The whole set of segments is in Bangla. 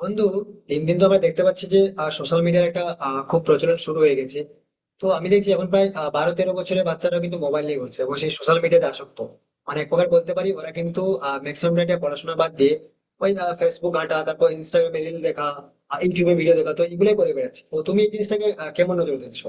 বন্ধু, দিন দিন তো আমরা দেখতে পাচ্ছি যে সোশ্যাল মিডিয়ার একটা খুব প্রচলন শুরু হয়ে গেছে। তো আমি দেখছি এখন প্রায় 12-13 বছরের বাচ্চারাও কিন্তু মোবাইল নিয়ে ঘুরছে এবং সেই সোশ্যাল মিডিয়াতে আসক্ত। মানে এক প্রকার বলতে পারি ওরা কিন্তু ম্যাক্সিমাম টাইমটা পড়াশোনা বাদ দিয়ে ওই ফেসবুক ঘাঁটা, তারপর ইনস্টাগ্রামে রিল দেখা, ইউটিউবে ভিডিও দেখা, তো এগুলোই করে বেড়াচ্ছে। তো তুমি এই জিনিসটাকে কেমন নজর দিচ্ছ?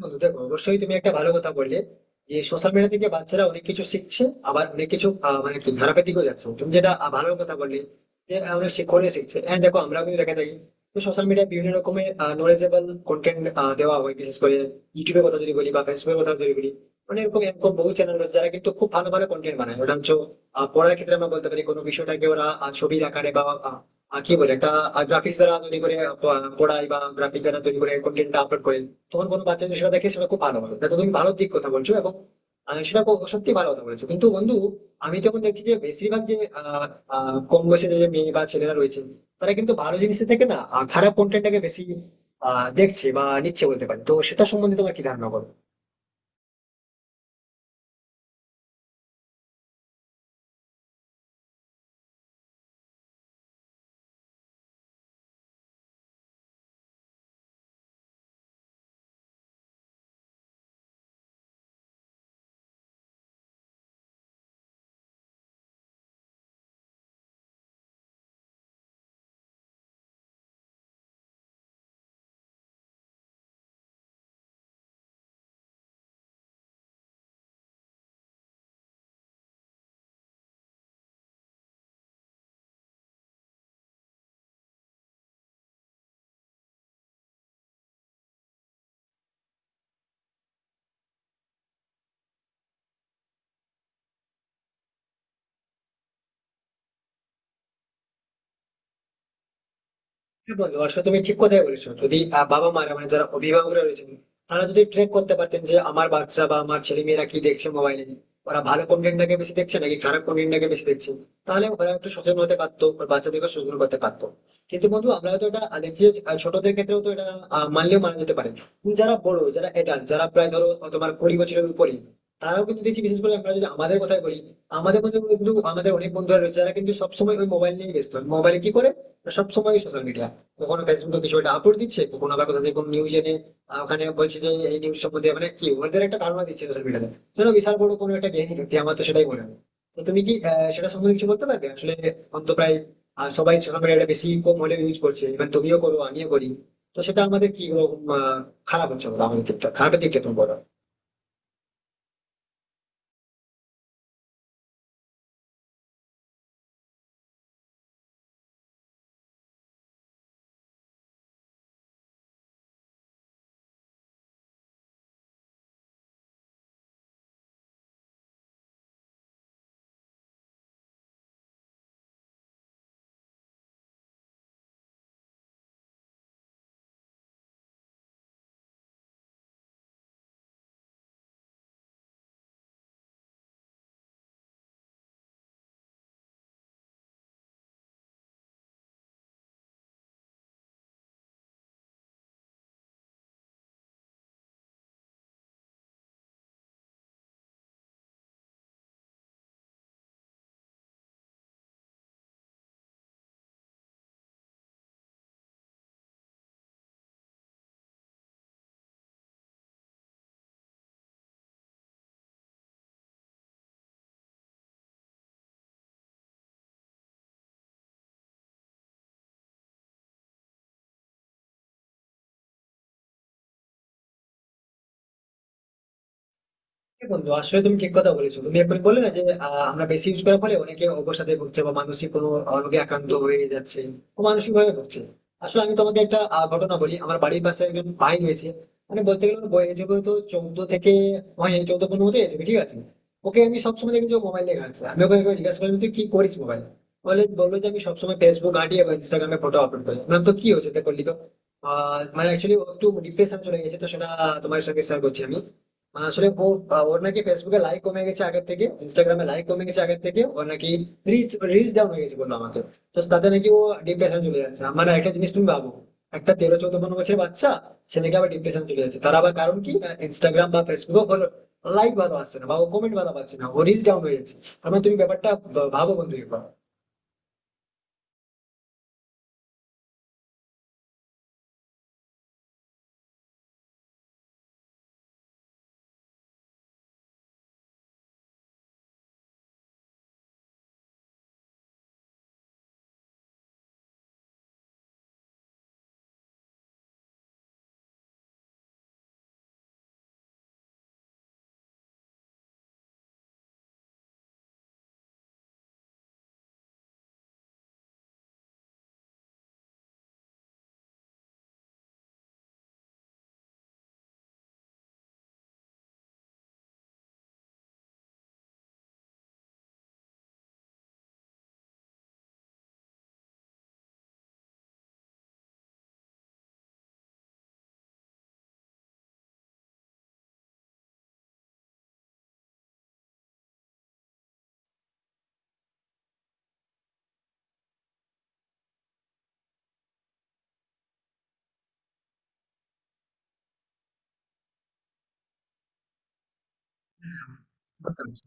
বন্ধু দেখো, অবশ্যই তুমি একটা ভালো কথা বললে যে সোশ্যাল মিডিয়া থেকে বাচ্চারা অনেক কিছু শিখছে। আবার অনেক কিছু মানে কি খারাপের দিকেও যাচ্ছে। তুমি যেটা ভালো কথা বললে যে অনেক শিক্ষণীয় শিখছে, হ্যাঁ, দেখো আমরাও কিন্তু দেখে থাকি। তো সোশ্যাল মিডিয়ায় বিভিন্ন রকমের নলেজেবল কন্টেন্ট দেওয়া হয়, বিশেষ করে ইউটিউবের কথা যদি বলি বা ফেসবুকের কথা যদি বলি, অনেক রকম এরকম বহু চ্যানেল রয়েছে যারা কিন্তু খুব ভালো ভালো কন্টেন্ট বানায়। ওটা হচ্ছে পড়ার ক্ষেত্রে আমরা বলতে পারি কোনো বিষয়টাকে ওরা ছবির আকারে বা আহ, আহ, কি বলে একটা গ্রাফিক্স দ্বারা তৈরি করে পড়ায়, বা গ্রাফিক দ্বারা তৈরি করে কন্টেন্টটা আপলোড করে। তখন কোনো বাচ্চা যদি সেটা দেখে সেটা খুব ভালো হবে। তো তুমি ভালো দিক কথা বলছো এবং সেটা সত্যি ভালো কথা বলেছো। কিন্তু বন্ধু, আমি তখন দেখছি যে বেশিরভাগ যে আহ, আহ, কম বয়সে যে মেয়ে বা ছেলেরা রয়েছে, তারা কিন্তু ভালো জিনিসের থেকে না খারাপ কন্টেন্টটাকে বেশি দেখছে বা নিচ্ছে বলতে পারি। তো সেটা সম্বন্ধে তোমার কি ধারণা বলো? হ্যাঁ বন্ধু, আসলে তুমি ঠিক কথাই বলেছো। যদি বাবা মারা মানে যারা অভিভাবকরা রয়েছেন, তারা যদি ট্র্যাক করতে পারতেন যে আমার বাচ্চা বা আমার ছেলে মেয়েরা কি দেখছে মোবাইলে, ওরা ভালো কন্টেন্টটাকে বেশি দেখছে নাকি খারাপ কন্টেন্টটাকে বেশি দেখছে, তাহলে ওরা একটু সচেতন হতে পারতো, ওর বাচ্চাদেরকে সচেতন করতে পারতো। কিন্তু বন্ধু, আমরা হয়তো এটা দেখছি যে, ছোটদের ক্ষেত্রেও তো এটা মানলেও মানা যেতে পারে। কিন্তু যারা বড়, যারা এডাল্ট, যারা প্রায় ধরো তোমার 20 বছরের উপরে, তারাও কিন্তু দেখছি। বিশেষ করে আমরা যদি আমাদের কথাই বলি, আমাদের মধ্যে কিন্তু আমাদের অনেক বন্ধুরা রয়েছে যারা কিন্তু সবসময় ওই মোবাইল নিয়ে ব্যস্ত। মোবাইলে কি করে? সবসময় সোশ্যাল মিডিয়া। কখনো ফেসবুকে কিছু একটা আপলোড দিচ্ছে, কখনো আবার কোথা থেকে কোনো নিউজ এনে ওখানে বলছে যে এই নিউজ সম্বন্ধে মানে কি ওদের একটা ধারণা দিচ্ছে সোশ্যাল মিডিয়াতে। শোনো, বিশাল বড় কোনো একটা জ্ঞানী ব্যক্তি, আমার তো সেটাই মনে হয়। তো তুমি কি সেটা সম্বন্ধে কিছু বলতে পারবে? আসলে এখন তো প্রায় সবাই সোশ্যাল মিডিয়াটা বেশি কম হলেও ইউজ করছে, ইভেন তুমিও করো আমিও করি। তো সেটা আমাদের কি রকম, খারাপ হচ্ছে বলো? আমাদের দিকটা, খারাপের দিকটা তুমি বলো। হ্যাঁ বন্ধু, আসলে তুমি ঠিক কথা বলেছো। তুমি এখন বললে না যে আমরা বেশি ইউজ করার ফলে অনেকে অবসাদে ভুগছে বা মানসিক কোনো রোগে আক্রান্ত হয়ে যাচ্ছে, মানসিক ভাবে ভুগছে। আসলে আমি তোমাকে একটা ঘটনা বলি। আমার বাড়ির পাশে একজন ভাই রয়েছে, মানে বলতে গেলে ওর বয়স যেগুলো তো 14 থেকে, হয় 14-15 হতে যাবে, ঠিক আছে? ওকে আমি সবসময় দেখি যে মোবাইল নিয়ে ঘাঁটছে। আমি ওকে একবার জিজ্ঞাসা করলাম, তুই কি করিস মোবাইল? বলে বললো যে আমি সবসময় ফেসবুক ঘাঁটিয়ে বা ইনস্টাগ্রামে ফটো আপলোড করি। বললাম, তো কি হয়েছে তা করলি তো? মানে অ্যাকচুয়ালি একটু ডিপ্রেশন চলে গেছে, তো সেটা তোমার সঙ্গে শেয়ার করছি আমি। মানে আসলে ও ওর নাকি ফেসবুকে লাইক কমে গেছে আগের থেকে, ইনস্টাগ্রামে লাইক কমে গেছে আগের থেকে, ওর নাকি রিচ রিচ ডাউন হয়ে গেছে বললো আমাকে। তো তাতে নাকি ও ডিপ্রেশন চলে যাচ্ছে। আমার একটা জিনিস তুমি ভাবো, একটা 13-14-15 বছরের বাচ্চা সে নাকি আবার ডিপ্রেশন চলে যাচ্ছে, তার আবার কারণ কি? ইনস্টাগ্রাম বা ফেসবুকে ওর লাইক ভালো আসছে না বা ও কমেন্ট ভালো পাচ্ছে না, ও রিচ ডাউন হয়ে যাচ্ছে। তার মানে তুমি ব্যাপারটা ভাবো বন্ধু একবার। বুঝতে পারছো?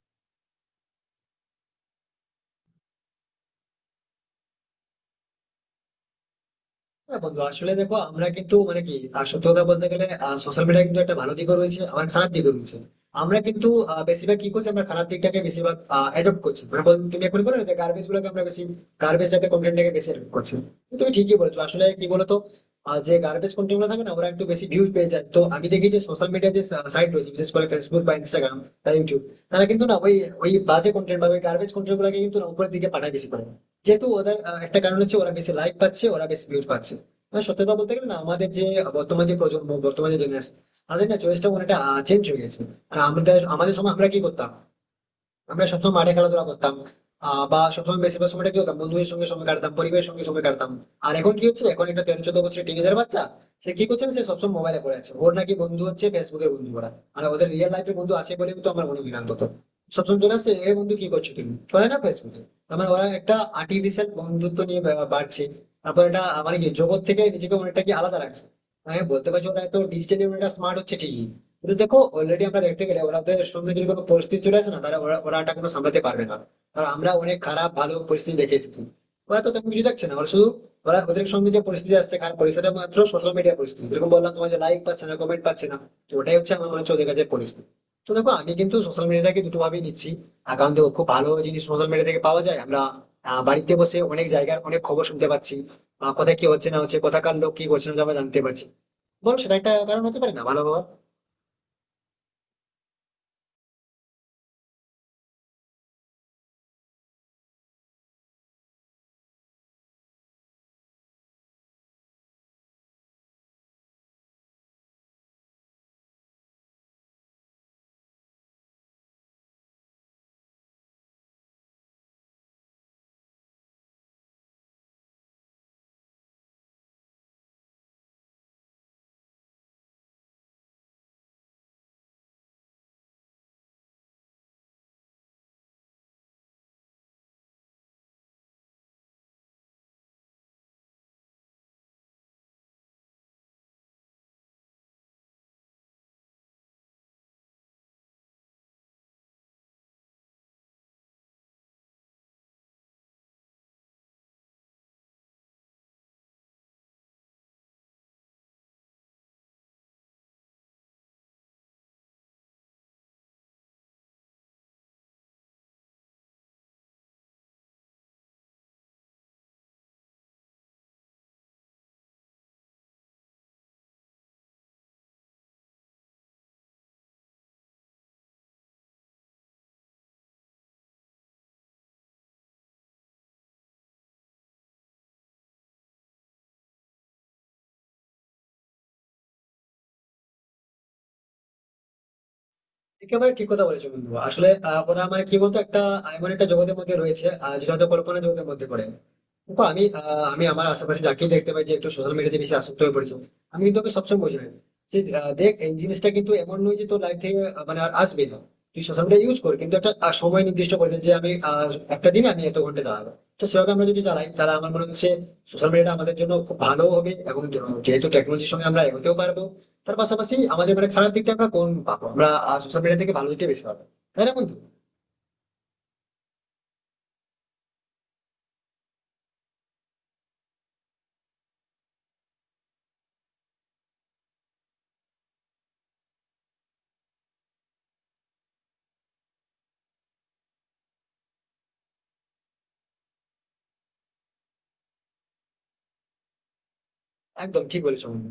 হ্যাঁ বন্ধু, আসলে দেখো আমরা কিন্তু মানে কি সত্যি কথা বলতে গেলে সোশ্যাল মিডিয়া কিন্তু একটা ভালো দিকও রয়েছে আবার খারাপ দিকও রয়েছে। আমরা কিন্তু বেশিরভাগ কি করছি? আমরা খারাপ দিকটাকে বেশিরভাগ অ্যাডপ্ট করছি। মানে তুমি এখন বলো না যে গার্বেজ গুলোকে আমরা বেশি গার্বেজ টাইপের কন্টেন্টটাকে বেশি অ্যাডপ্ট করছি। তো তুমি ঠিকই বলছো। আসলে কি বলতো, যে গার্বেজ কন্টেন্ট গুলো থাকে না ওরা একটু বেশি ভিউজ পেয়ে যায়। তো আমি দেখি যে সোশ্যাল মিডিয়া যে সাইট রয়েছে, বিশেষ করে ফেসবুক বা ইনস্টাগ্রাম বা ইউটিউব, তারা কিন্তু না ওই ওই বাজে কন্টেন্ট বা ওই গার্বেজ কন্টেন্ট গুলোকে কিন্তু না উপরের দিকে পাঠায় বেশি করে। যেহেতু ওদের একটা কারণ হচ্ছে ওরা বেশি লাইক পাচ্ছে, ওরা বেশি ভিউজ পাচ্ছে। না, সত্যি কথা বলতে গেলে, না আমাদের যে বর্তমান যে প্রজন্ম বর্তমান যে জেনারেশন, তাদের না চয়েসটা অনেকটা চেঞ্জ হয়ে গেছে। আর আমাদের আমাদের সময় আমরা কি করতাম? আমরা সবসময় মাঠে খেলাধুলা করতাম। বা সবসময় বেশিরভাগ সময়টা কি হতাম, বন্ধুদের সঙ্গে সময় কাটতাম, পরিবারের সঙ্গে সময় কাটতাম। আর এখন কি হচ্ছে? এখন একটা 13-14 বছরের টিনেজার বাচ্চা, সে কি করছে না, সে সবসময় মোবাইলে পড়ে আছে। ওর নাকি বন্ধু হচ্ছে ফেসবুকের বন্ধু ওরা। আর ওদের রিয়েল লাইফের বন্ধু আছে বলে তো আমার মনে হয় না অন্তত। সবসময় চলে আসছে, এ বন্ধু কি করছো তুমি, বলে না ফেসবুকে। তার মানে ওরা একটা আর্টিফিশিয়াল বন্ধুত্ব নিয়ে বাড়ছে। তারপর এটা মানে কি জগৎ থেকে নিজেকে অনেকটা কি আলাদা রাখছে। হ্যাঁ বলতে পারছি ওরা এত ডিজিটালি অনেকটা স্মার্ট হচ্ছে ঠিকই, কিন্তু দেখো অলরেডি আমরা দেখতে গেলে ওনাদের সঙ্গে যদি কোনো পরিস্থিতি চলে আসে না, তারা ওরা ওরা এটা কোনো সামলাতে পারবে না। কারণ আমরা অনেক খারাপ ভালো পরিস্থিতি দেখে এসেছি, ওরা তো তেমন কিছু দেখছে না। ওরা শুধু ওরা ওদের সঙ্গে যে পরিস্থিতি আসছে খারাপ পরিস্থিতি, মাত্র সোশ্যাল মিডিয়া পরিস্থিতি, যেরকম বললাম তোমার যে লাইক পাচ্ছে না কমেন্ট পাচ্ছে না। তো ওটাই হচ্ছে আমার মনে হচ্ছে ওদের কাছে পরিস্থিতি। তো দেখো আমি কিন্তু সোশ্যাল মিডিয়াটাকে দুটো ভাবেই নিচ্ছি। আর কারণ দেখো খুব ভালো জিনিস সোশ্যাল মিডিয়া থেকে পাওয়া যায়। আমরা বাড়িতে বসে অনেক জায়গার অনেক খবর শুনতে পাচ্ছি বা কোথায় কি হচ্ছে না হচ্ছে, কোথাকার লোক কি করছে না করছে, আমরা জানতে পারছি। বল সেটা একটা কারণ হতে পারে না ভালো হওয়ার? একেবারে ঠিক কথা বলেছো বন্ধু। আসলে ওরা মানে কি বলতো, একটা এমন একটা জগতের মধ্যে রয়েছে যেটা হয়তো কল্পনা জগতের মধ্যে পড়ে। দেখো, আমি আমার আশেপাশে যাকেই দেখতে পাই যে একটু সোশ্যাল মিডিয়াতে বেশি আসক্ত হয়ে পড়েছে, আমি কিন্তু ওকে সবসময় বোঝাই যে দেখ এই জিনিসটা কিন্তু এমন নয় যে তোর লাইফ থেকে মানে আর আসবে না। তুই সোশ্যাল মিডিয়া ইউজ কর, কিন্তু একটা সময় নির্দিষ্ট করে দে যে আমি একটা দিন আমি এত ঘন্টা চালাবো। তো সেভাবে আমরা যদি চালাই তাহলে আমার মনে হচ্ছে সোশ্যাল মিডিয়াটা আমাদের জন্য খুব ভালো হবে এবং যেহেতু টেকনোলজির সঙ্গে আমরা এগোতেও পারবো, তার পাশাপাশি আমাদের মানে খারাপ দিকটা আমরা কোন পাবো, আমরা সোশ্যাল মিডিয়া থেকে ভালো দিকটা বেশি পাবো। তাই না বন্ধু? একদম ঠিক বলেছো বন্ধু।